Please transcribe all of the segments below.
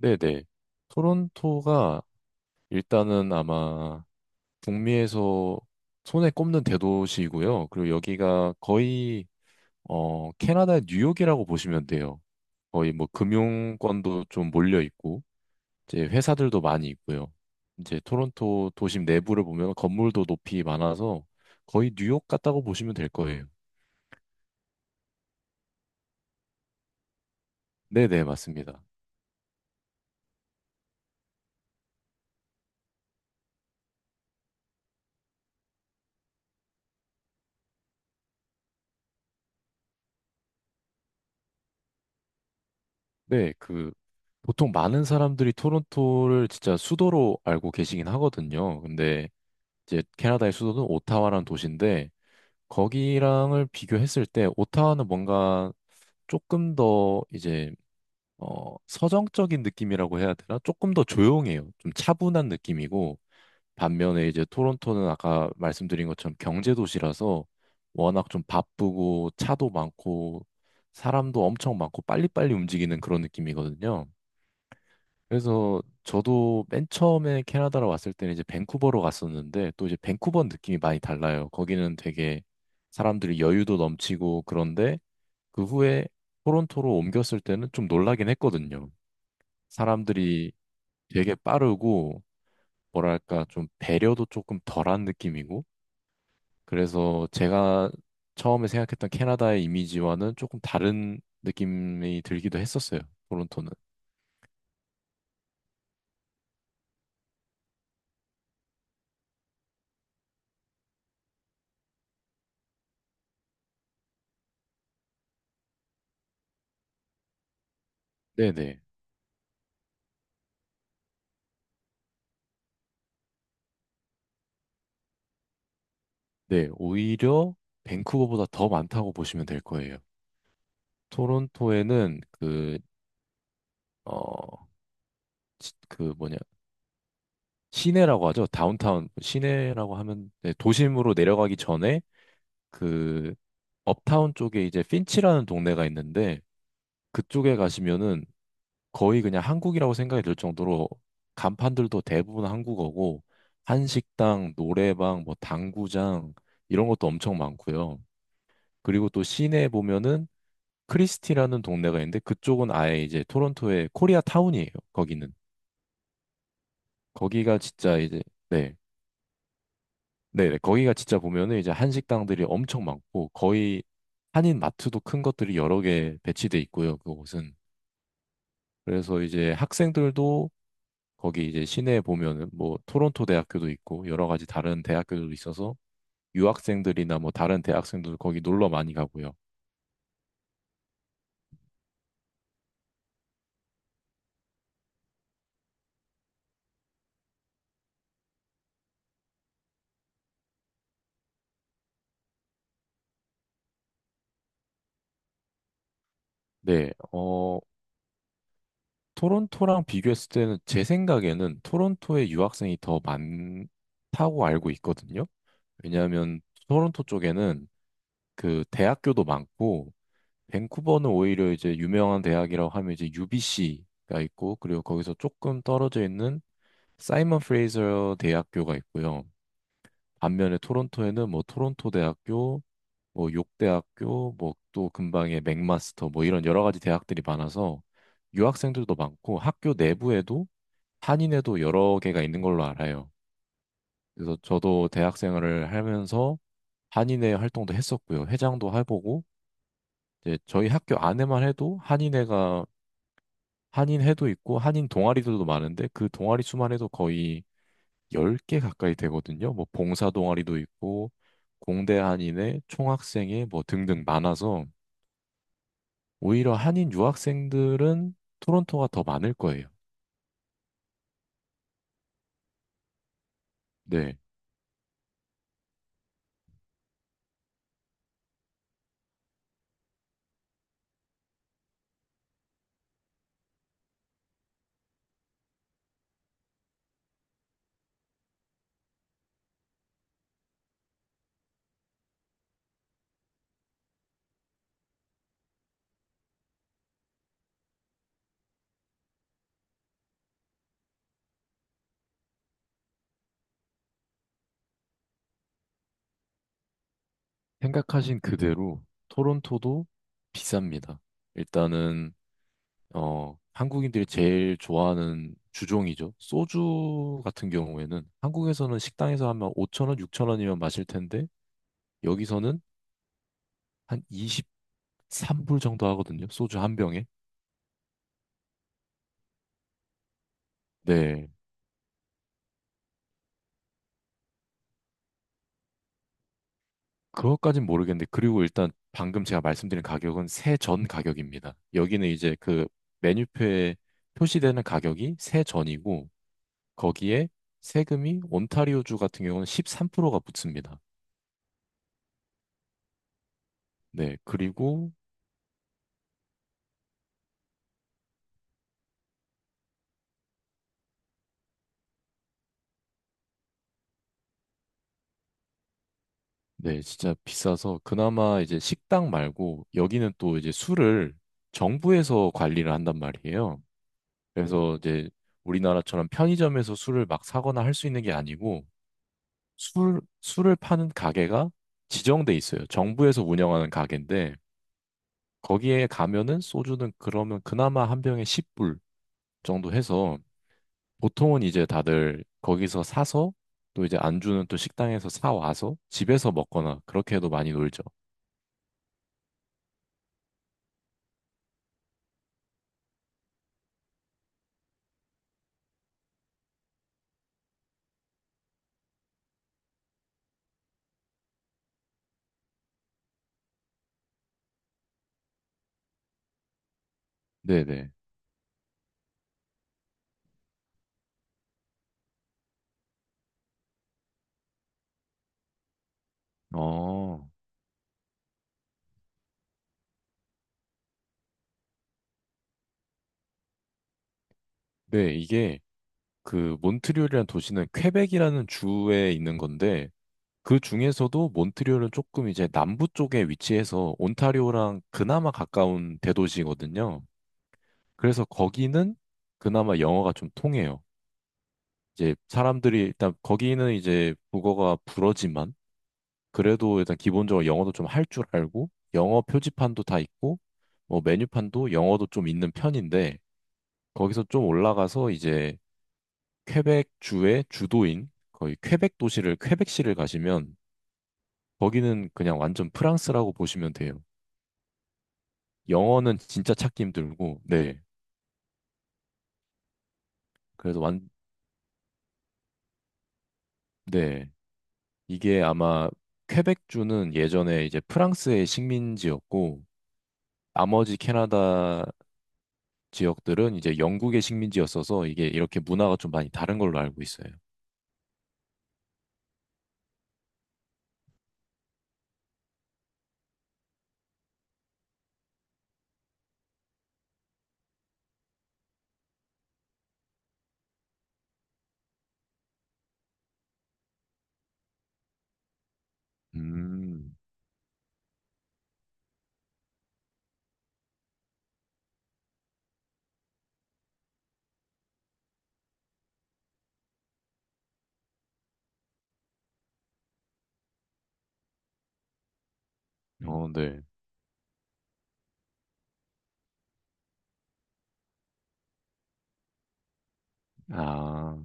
네네. 토론토가 일단은 아마 북미에서 손에 꼽는 대도시이고요. 그리고 여기가 거의 캐나다의 뉴욕이라고 보시면 돼요. 거의 뭐 금융권도 좀 몰려 있고 이제 회사들도 많이 있고요. 이제 토론토 도심 내부를 보면 건물도 높이 많아서 거의 뉴욕 같다고 보시면 될 거예요. 네네, 맞습니다. 네, 그 보통 많은 사람들이 토론토를 진짜 수도로 알고 계시긴 하거든요. 근데 이제 캐나다의 수도는 오타와라는 도시인데 거기랑을 비교했을 때 오타와는 뭔가 조금 더 이제 서정적인 느낌이라고 해야 되나? 조금 더 조용해요. 좀 차분한 느낌이고 반면에 이제 토론토는 아까 말씀드린 것처럼 경제 도시라서 워낙 좀 바쁘고 차도 많고 사람도 엄청 많고 빨리빨리 움직이는 그런 느낌이거든요. 그래서 저도 맨 처음에 캐나다로 왔을 때는 이제 밴쿠버로 갔었는데 또 이제 밴쿠버 느낌이 많이 달라요. 거기는 되게 사람들이 여유도 넘치고 그런데 그 후에 토론토로 옮겼을 때는 좀 놀라긴 했거든요. 사람들이 되게 빠르고 뭐랄까 좀 배려도 조금 덜한 느낌이고 그래서 제가 처음에 생각했던 캐나다의 이미지와는 조금 다른 느낌이 들기도 했었어요. 토론토는. 네네. 네, 오히려 밴쿠버보다 더 많다고 보시면 될 거예요. 토론토에는 그, 어, 그 뭐냐, 시내라고 하죠. 다운타운, 시내라고 하면, 네, 도심으로 내려가기 전에 그, 업타운 쪽에 이제 핀치라는 동네가 있는데 그쪽에 가시면은 거의 그냥 한국이라고 생각이 들 정도로 간판들도 대부분 한국어고 한식당, 노래방, 뭐 당구장 이런 것도 엄청 많고요. 그리고 또 시내에 보면은 크리스티라는 동네가 있는데 그쪽은 아예 이제 토론토의 코리아 타운이에요. 거기는 거기가 진짜 이제 네. 네, 네. 거기가 진짜 보면은 이제 한식당들이 엄청 많고 거의 한인 마트도 큰 것들이 여러 개 배치돼 있고요. 그곳은 그래서 이제 학생들도 거기 이제 시내에 보면은 뭐 토론토 대학교도 있고 여러 가지 다른 대학교도 있어서 유학생들이나 뭐 다른 대학생들도 거기 놀러 많이 가고요. 네. 토론토랑 비교했을 때는 제 생각에는 토론토에 유학생이 더 많다고 알고 있거든요. 왜냐하면 토론토 쪽에는 그 대학교도 많고 밴쿠버는 오히려 이제 유명한 대학이라고 하면 이제 UBC가 있고 그리고 거기서 조금 떨어져 있는 사이먼 프레이저 대학교가 있고요. 반면에 토론토에는 뭐 토론토 대학교, 뭐 욕대학교, 뭐 또 근방에 맥마스터 뭐 이런 여러 가지 대학들이 많아서 유학생들도 많고 학교 내부에도 한인회도 여러 개가 있는 걸로 알아요. 그래서 저도 대학 생활을 하면서 한인회 활동도 했었고요. 회장도 해보고, 이제 저희 학교 안에만 해도 한인회가, 한인회도 있고, 한인 동아리들도 많은데, 그 동아리 수만 해도 거의 10개 가까이 되거든요. 뭐, 봉사 동아리도 있고, 공대 한인회, 총학생회, 뭐, 등등 많아서, 오히려 한인 유학생들은 토론토가 더 많을 거예요. 네. 생각하신 그대로 토론토도 비쌉니다. 일단은 한국인들이 제일 좋아하는 주종이죠. 소주 같은 경우에는 한국에서는 식당에서 하면 5천 원, 6천 원이면 마실 텐데 여기서는 한 23불 정도 하거든요. 소주 한 병에. 네. 그것까진 모르겠는데 그리고 일단 방금 제가 말씀드린 가격은 세전 가격입니다. 여기는 이제 그 메뉴표에 표시되는 가격이 세전이고 거기에 세금이 온타리오주 같은 경우는 13%가 붙습니다. 네, 그리고 네, 진짜 비싸서 그나마 이제 식당 말고 여기는 또 이제 술을 정부에서 관리를 한단 말이에요. 그래서 이제 우리나라처럼 편의점에서 술을 막 사거나 할 수 있는 게 아니고 술을 파는 가게가 지정돼 있어요. 정부에서 운영하는 가게인데 거기에 가면은 소주는 그러면 그나마 한 병에 10불 정도 해서 보통은 이제 다들 거기서 사서 또 이제 안주는 또 식당에서 사 와서 집에서 먹거나 그렇게 해도 많이 놀죠. 네네. 어. 네, 이게 그 몬트리올이라는 도시는 퀘벡이라는 주에 있는 건데 그 중에서도 몬트리올은 조금 이제 남부 쪽에 위치해서 온타리오랑 그나마 가까운 대도시거든요. 그래서 거기는 그나마 영어가 좀 통해요. 이제 사람들이 일단 거기는 이제 국어가 불어지만 그래도 일단 기본적으로 영어도 좀 할 줄 알고 영어 표지판도 다 있고 뭐 메뉴판도 영어도 좀 있는 편인데 거기서 좀 올라가서 이제 퀘벡 주의 주도인 거의 퀘벡 도시를 퀘벡시를 가시면 거기는 그냥 완전 프랑스라고 보시면 돼요. 영어는 진짜 찾기 힘들고 네. 그래서 완 네. 이게 아마 퀘벡주는 예전에 이제 프랑스의 식민지였고 나머지 캐나다 지역들은 이제 영국의 식민지였어서 이게 이렇게 문화가 좀 많이 다른 걸로 알고 있어요. 음, 네. 아,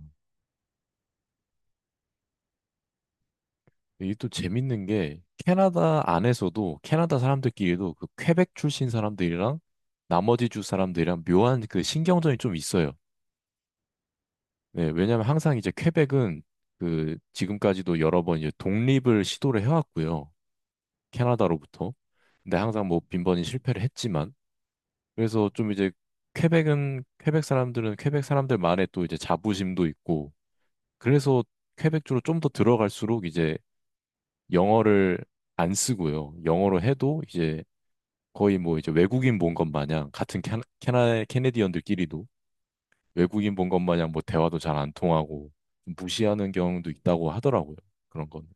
이게 또 재밌는 게 캐나다 안에서도 캐나다 사람들끼리도 그 퀘벡 출신 사람들이랑 나머지 주 사람들이랑 묘한 그 신경전이 좀 있어요. 네, 왜냐면 항상 이제 퀘벡은 그 지금까지도 여러 번 이제 독립을 시도를 해왔고요. 캐나다로부터. 근데 항상 뭐 빈번히 실패를 했지만 그래서 좀 이제 퀘벡은 퀘벡 사람들은 퀘벡 사람들만의 또 이제 자부심도 있고 그래서 퀘벡 주로 좀 더 들어갈수록 이제 영어를 안 쓰고요. 영어로 해도 이제 거의 뭐 이제 외국인 본 것 마냥 같은 캐네디언들끼리도 외국인 본 것 마냥 뭐 대화도 잘 안 통하고 무시하는 경우도 있다고 하더라고요. 그런 건.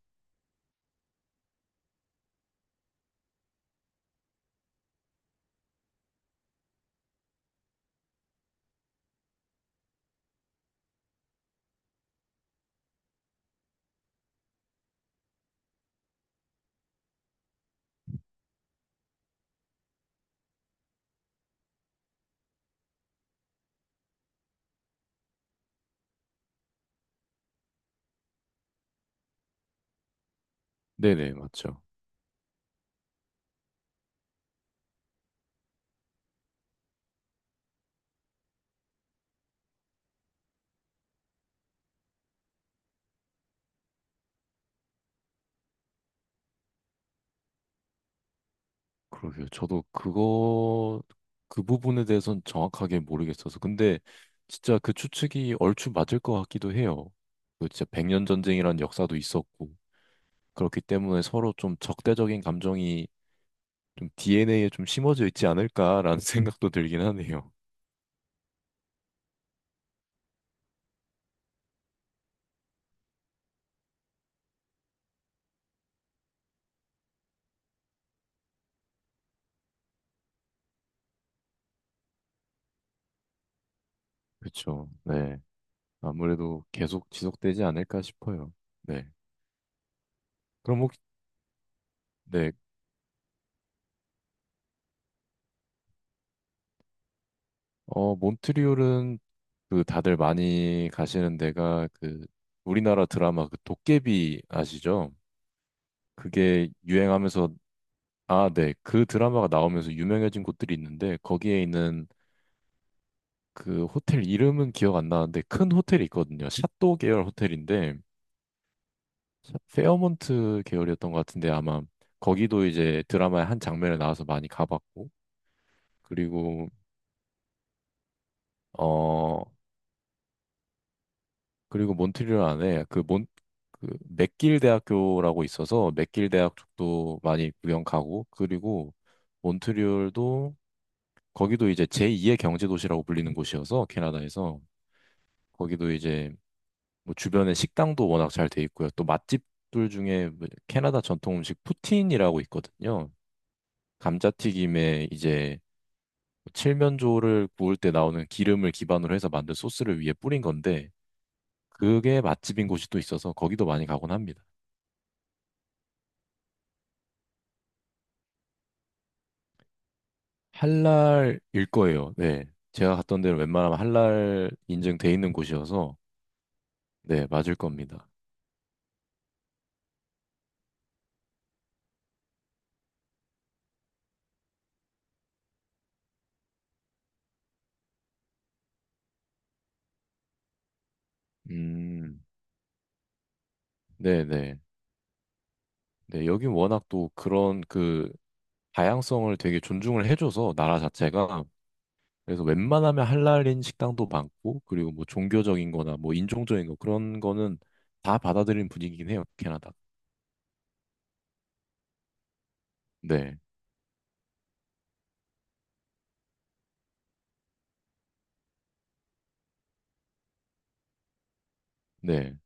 네네, 맞죠. 그러게요. 그 부분에 대해서는 정확하게 모르겠어서. 근데 진짜 그 추측이 얼추 맞을 것 같기도 해요. 그 진짜 백년 전쟁이란 역사도 있었고, 그렇기 때문에 서로 좀 적대적인 감정이 좀 DNA에 좀 심어져 있지 않을까라는 생각도 들긴 하네요. 그쵸. 네. 아무래도 계속 지속되지 않을까 싶어요. 네. 그럼 혹시, 네. 몬트리올은 그 다들 많이 가시는 데가 그 우리나라 드라마 그 도깨비 아시죠? 그게 유행하면서 아, 네. 그 드라마가 나오면서 유명해진 곳들이 있는데 거기에 있는 그 호텔 이름은 기억 안 나는데 큰 호텔이 있거든요. 샤또 계열 호텔인데 페어몬트 계열이었던 것 같은데 아마 거기도 이제 드라마의 한 장면에 나와서 많이 가봤고 그리고 어, 그리고 몬트리올 안에 그 맥길 대학교라고 있어서 맥길 대학 쪽도 많이 구경 가고 그리고 몬트리올도 거기도 이제 제2의 경제 도시라고 불리는 곳이어서 캐나다에서 거기도 이제 뭐 주변에 식당도 워낙 잘 돼 있고요. 또 맛집들 중에 뭐 캐나다 전통 음식 푸틴이라고 있거든요. 감자튀김에 이제 뭐 칠면조를 구울 때 나오는 기름을 기반으로 해서 만든 소스를 위에 뿌린 건데 그게 맛집인 곳이 또 있어서 거기도 많이 가곤 합니다. 할랄일 거예요. 네. 제가 갔던 데는 웬만하면 할랄 인증돼 있는 곳이어서 네, 맞을 겁니다. 음. 네, 네. 네, 여긴 워낙 또 그런 그 다양성을 되게 존중을 해줘서 나라 자체가 그래서 웬만하면 할랄인 식당도 많고 그리고 뭐 종교적인 거나 뭐 인종적인 거 그런 거는 다 받아들이는 분위기긴 해요, 캐나다. 네. 네.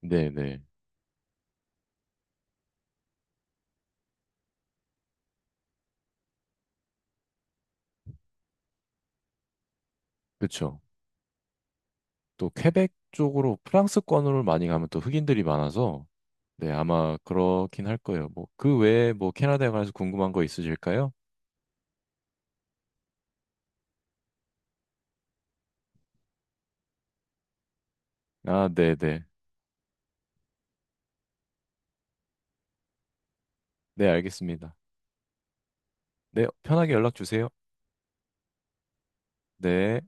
네, 네. 그쵸 또 퀘벡 쪽으로 프랑스권으로 많이 가면 또 흑인들이 많아서 네, 아마 그렇긴 할 거예요. 뭐 그 외에 뭐 캐나다에 관해서 궁금한 거 있으실까요? 아, 네, 네. 네, 알겠습니다. 네, 편하게 연락 주세요. 네.